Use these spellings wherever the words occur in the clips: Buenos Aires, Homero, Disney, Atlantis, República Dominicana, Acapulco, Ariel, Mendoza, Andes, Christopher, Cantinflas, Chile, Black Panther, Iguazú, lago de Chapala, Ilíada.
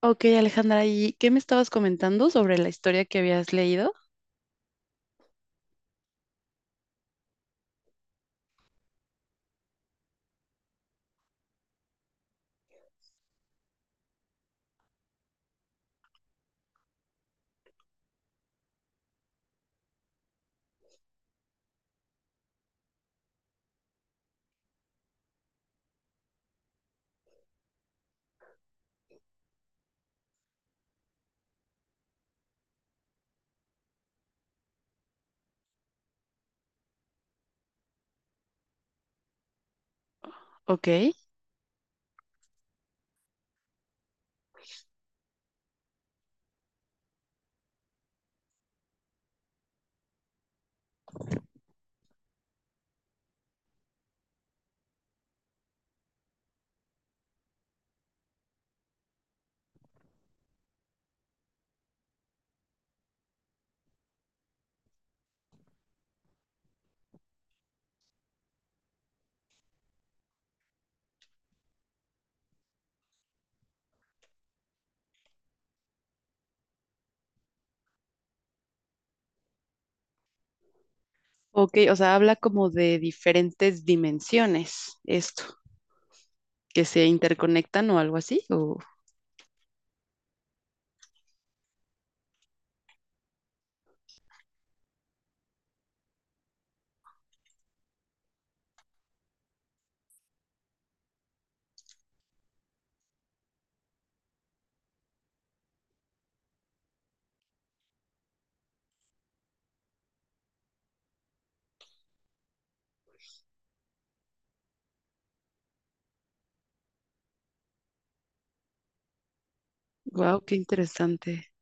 Ok, Alejandra, ¿y qué me estabas comentando sobre la historia que habías leído? Ok, ok, o sea, habla como de diferentes dimensiones, esto, que se interconectan o algo así. O, wow, qué interesante.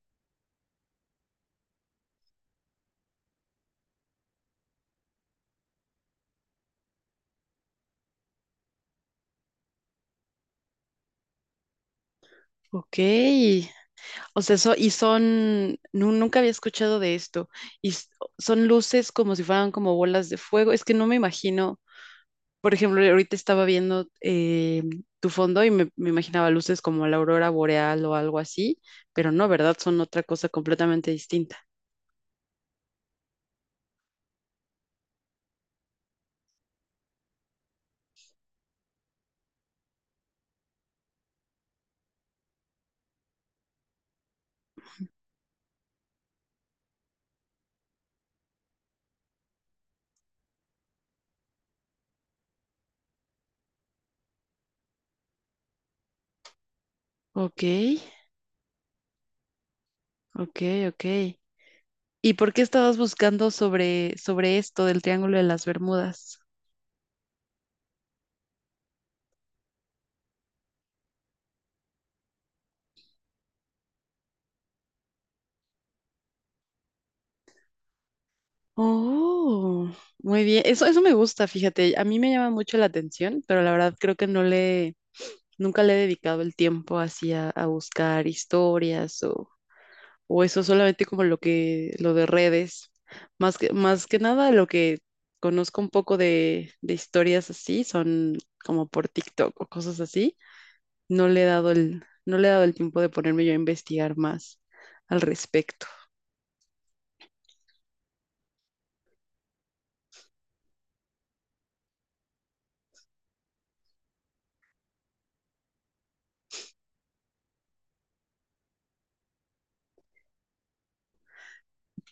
Ok, o sea, nunca había escuchado de esto, y s- son luces como si fueran como bolas de fuego, es que no me imagino. Por ejemplo, ahorita estaba viendo tu fondo y me imaginaba luces como la aurora boreal o algo así, pero no, ¿verdad? Son otra cosa completamente distinta. Ok, ok, ok. ¿Y por qué estabas buscando sobre esto del Triángulo de las Bermudas? Oh, muy bien. Eso me gusta, fíjate. A mí me llama mucho la atención, pero la verdad creo que nunca le he dedicado el tiempo así a buscar historias o eso solamente como lo lo de redes. Más que nada lo que conozco un poco de historias así son como por TikTok o cosas así. No le he dado el, no le he dado el tiempo de ponerme yo a investigar más al respecto.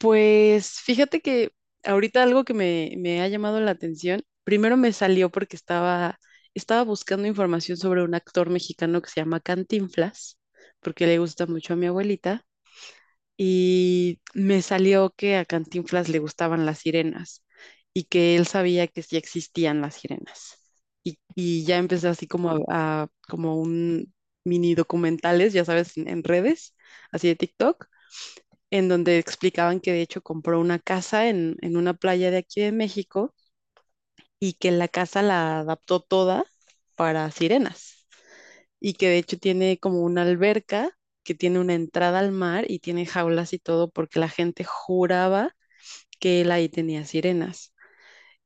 Pues fíjate que ahorita algo que me ha llamado la atención, primero me salió porque estaba buscando información sobre un actor mexicano que se llama Cantinflas, porque le gusta mucho a mi abuelita. Y me salió que a Cantinflas le gustaban las sirenas y que él sabía que sí existían las sirenas. Y ya empecé así como como un mini documentales, ya sabes, en redes, así de TikTok, en donde explicaban que de hecho compró una casa en una playa de aquí de México y que la casa la adaptó toda para sirenas y que de hecho tiene como una alberca que tiene una entrada al mar y tiene jaulas y todo porque la gente juraba que él ahí tenía sirenas.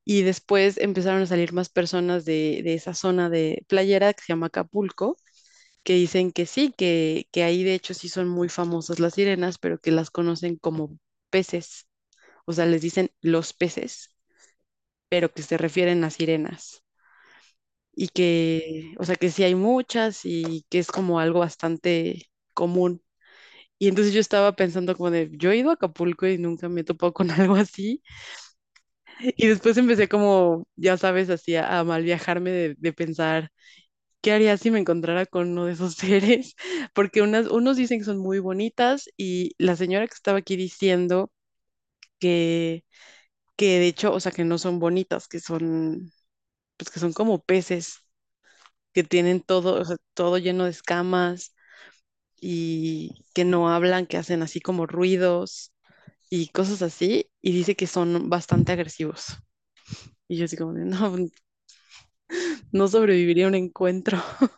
Y después empezaron a salir más personas de esa zona de playera que se llama Acapulco, que dicen que sí, que ahí de hecho sí son muy famosas las sirenas, pero que las conocen como peces. O sea, les dicen los peces, pero que se refieren a sirenas. Y que, o sea, que sí hay muchas y que es como algo bastante común. Y entonces yo estaba pensando como de, yo he ido a Acapulco y nunca me he topado con algo así. Y después empecé como, ya sabes, así a mal viajarme de pensar, ¿qué haría si me encontrara con uno de esos seres? Porque unos dicen que son muy bonitas y la señora que estaba aquí diciendo que, que de hecho, o sea, que no son bonitas, que son, pues que son como peces, que tienen todo, o sea, todo lleno de escamas y que no hablan, que hacen así como ruidos y cosas así, y dice que son bastante agresivos. Y yo así como, de, no, no sobreviviría a un encuentro.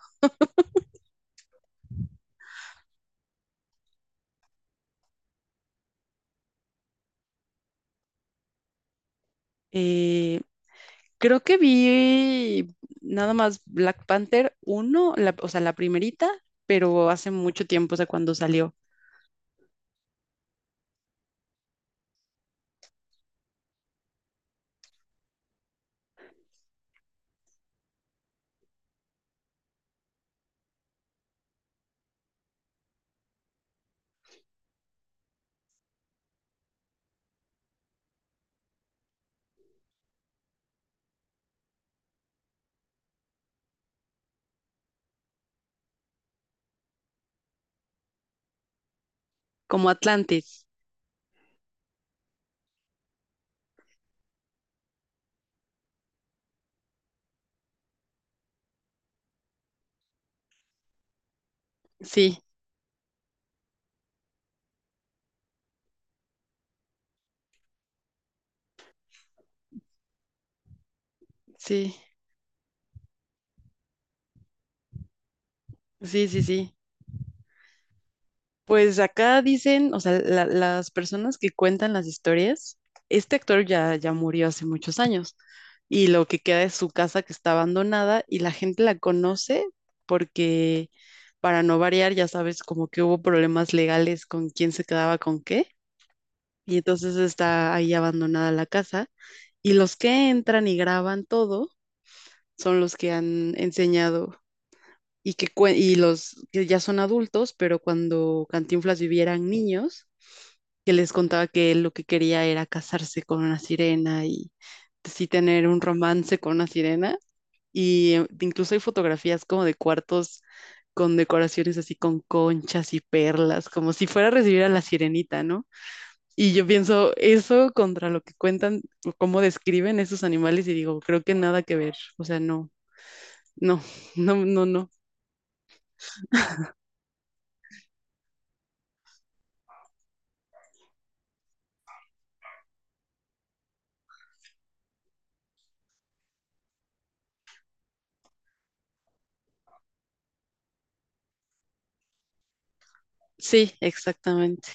Eh, creo que vi nada más Black Panther uno o sea, la primerita, pero hace mucho tiempo, o sea, cuando salió, como Atlantis. Sí, sí, sí, sí, sí. Pues acá dicen, o sea, las personas que cuentan las historias, este actor ya murió hace muchos años y lo que queda es su casa que está abandonada y la gente la conoce porque, para no variar, ya sabes, como que hubo problemas legales con quién se quedaba con qué y entonces está ahí abandonada la casa y los que entran y graban todo son los que han enseñado y los que ya son adultos, pero cuando Cantinflas vivieran niños, que les contaba que él lo que quería era casarse con una sirena y sí tener un romance con una sirena. Y incluso hay fotografías como de cuartos con decoraciones así con conchas y perlas, como si fuera a recibir a la sirenita, ¿no? Y yo pienso eso contra lo que cuentan, o cómo describen esos animales y digo, creo que nada que ver, o sea, no, no, no, no, no. Sí, exactamente.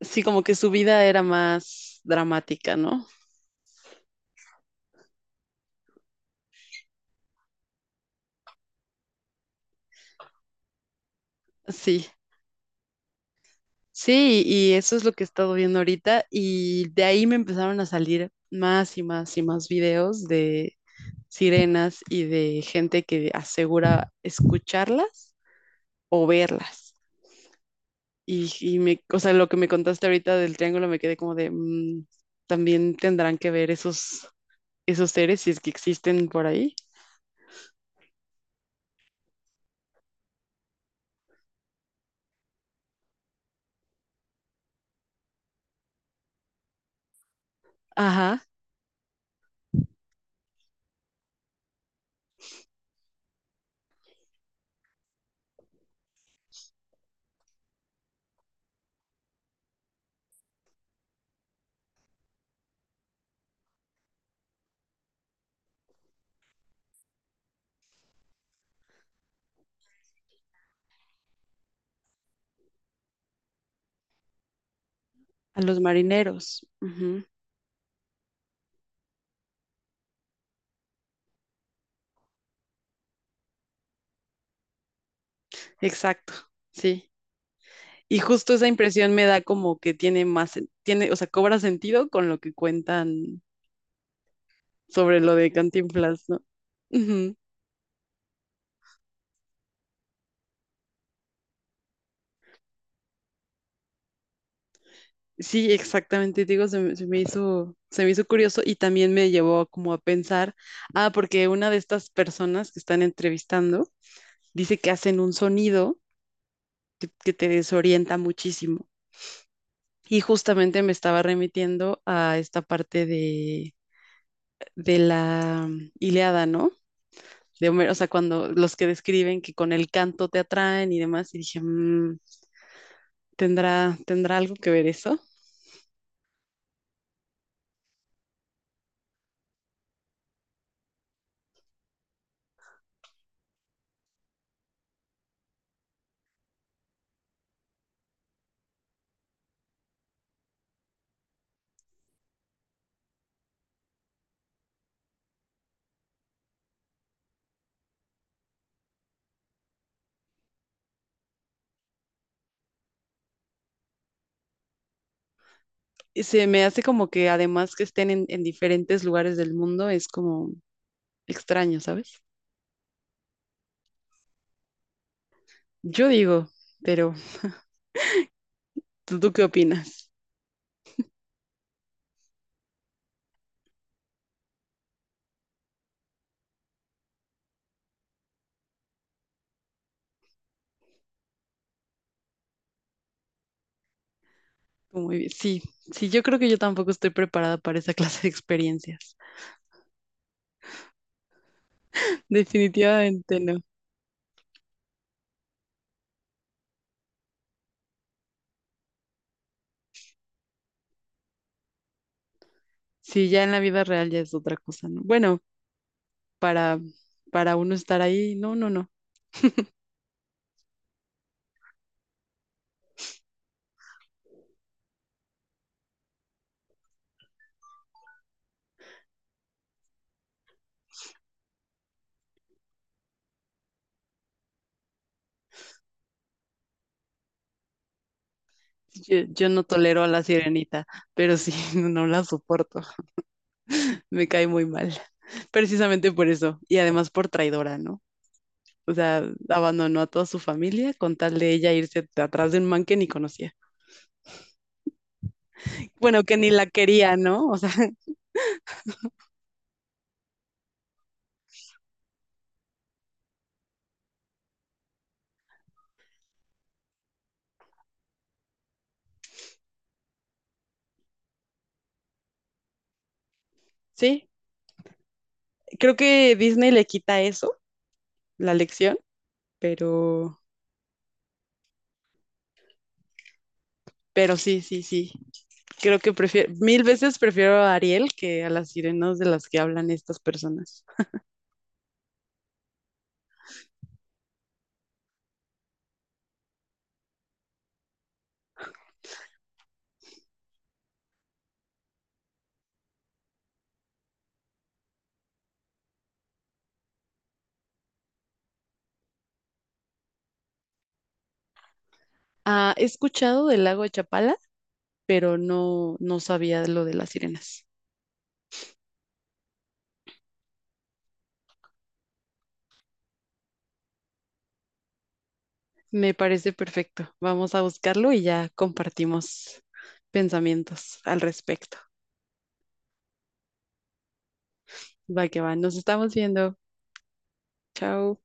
Sí, como que su vida era más dramática, ¿no? Sí, sí, y eso es lo que he estado viendo ahorita y de ahí me empezaron a salir más y más y más videos de sirenas y de gente que asegura escucharlas o verlas. Y o sea, lo que me contaste ahorita del triángulo me quedé como de, también tendrán que ver esos seres si es que existen por ahí. Ajá, a los marineros. Ujú, exacto, sí. Y justo esa impresión me da como que tiene más, tiene, o sea, cobra sentido con lo que cuentan sobre lo de Cantinflas, ¿no? Ujú. Sí, exactamente, digo, se me hizo curioso y también me llevó como a pensar, ah, porque una de estas personas que están entrevistando dice que hacen un sonido que te desorienta muchísimo. Y justamente me estaba remitiendo a esta parte de la Ilíada, ¿no? De Homero, o sea, cuando los que describen que con el canto te atraen y demás, y dije, "Mm, tendrá algo que ver eso?" Y se me hace como que además que estén en diferentes lugares del mundo es como extraño, ¿sabes? Yo digo, pero tú qué opinas? Muy bien. Sí, sí, yo creo que yo tampoco estoy preparada para esa clase de experiencias. Definitivamente no. Sí, ya en la vida real ya es otra cosa, ¿no? Bueno, para, para uno estar ahí, no, no, no. Yo no tolero a la sirenita, pero sí, no la soporto. Me cae muy mal. Precisamente por eso. Y además por traidora, ¿no? O sea, abandonó a toda su familia con tal de ella irse atrás de un man que ni conocía. Bueno, que ni la quería, ¿no? O sea, sí. Creo que Disney le quita eso, la lección, pero, pero sí, sí, sí. Creo que prefiero, mil veces prefiero a Ariel que a las sirenas de las que hablan estas personas. Ah, he escuchado del lago de Chapala, pero no, no sabía lo de las sirenas. Me parece perfecto. Vamos a buscarlo y ya compartimos pensamientos al respecto. Va que va, nos estamos viendo. Chao.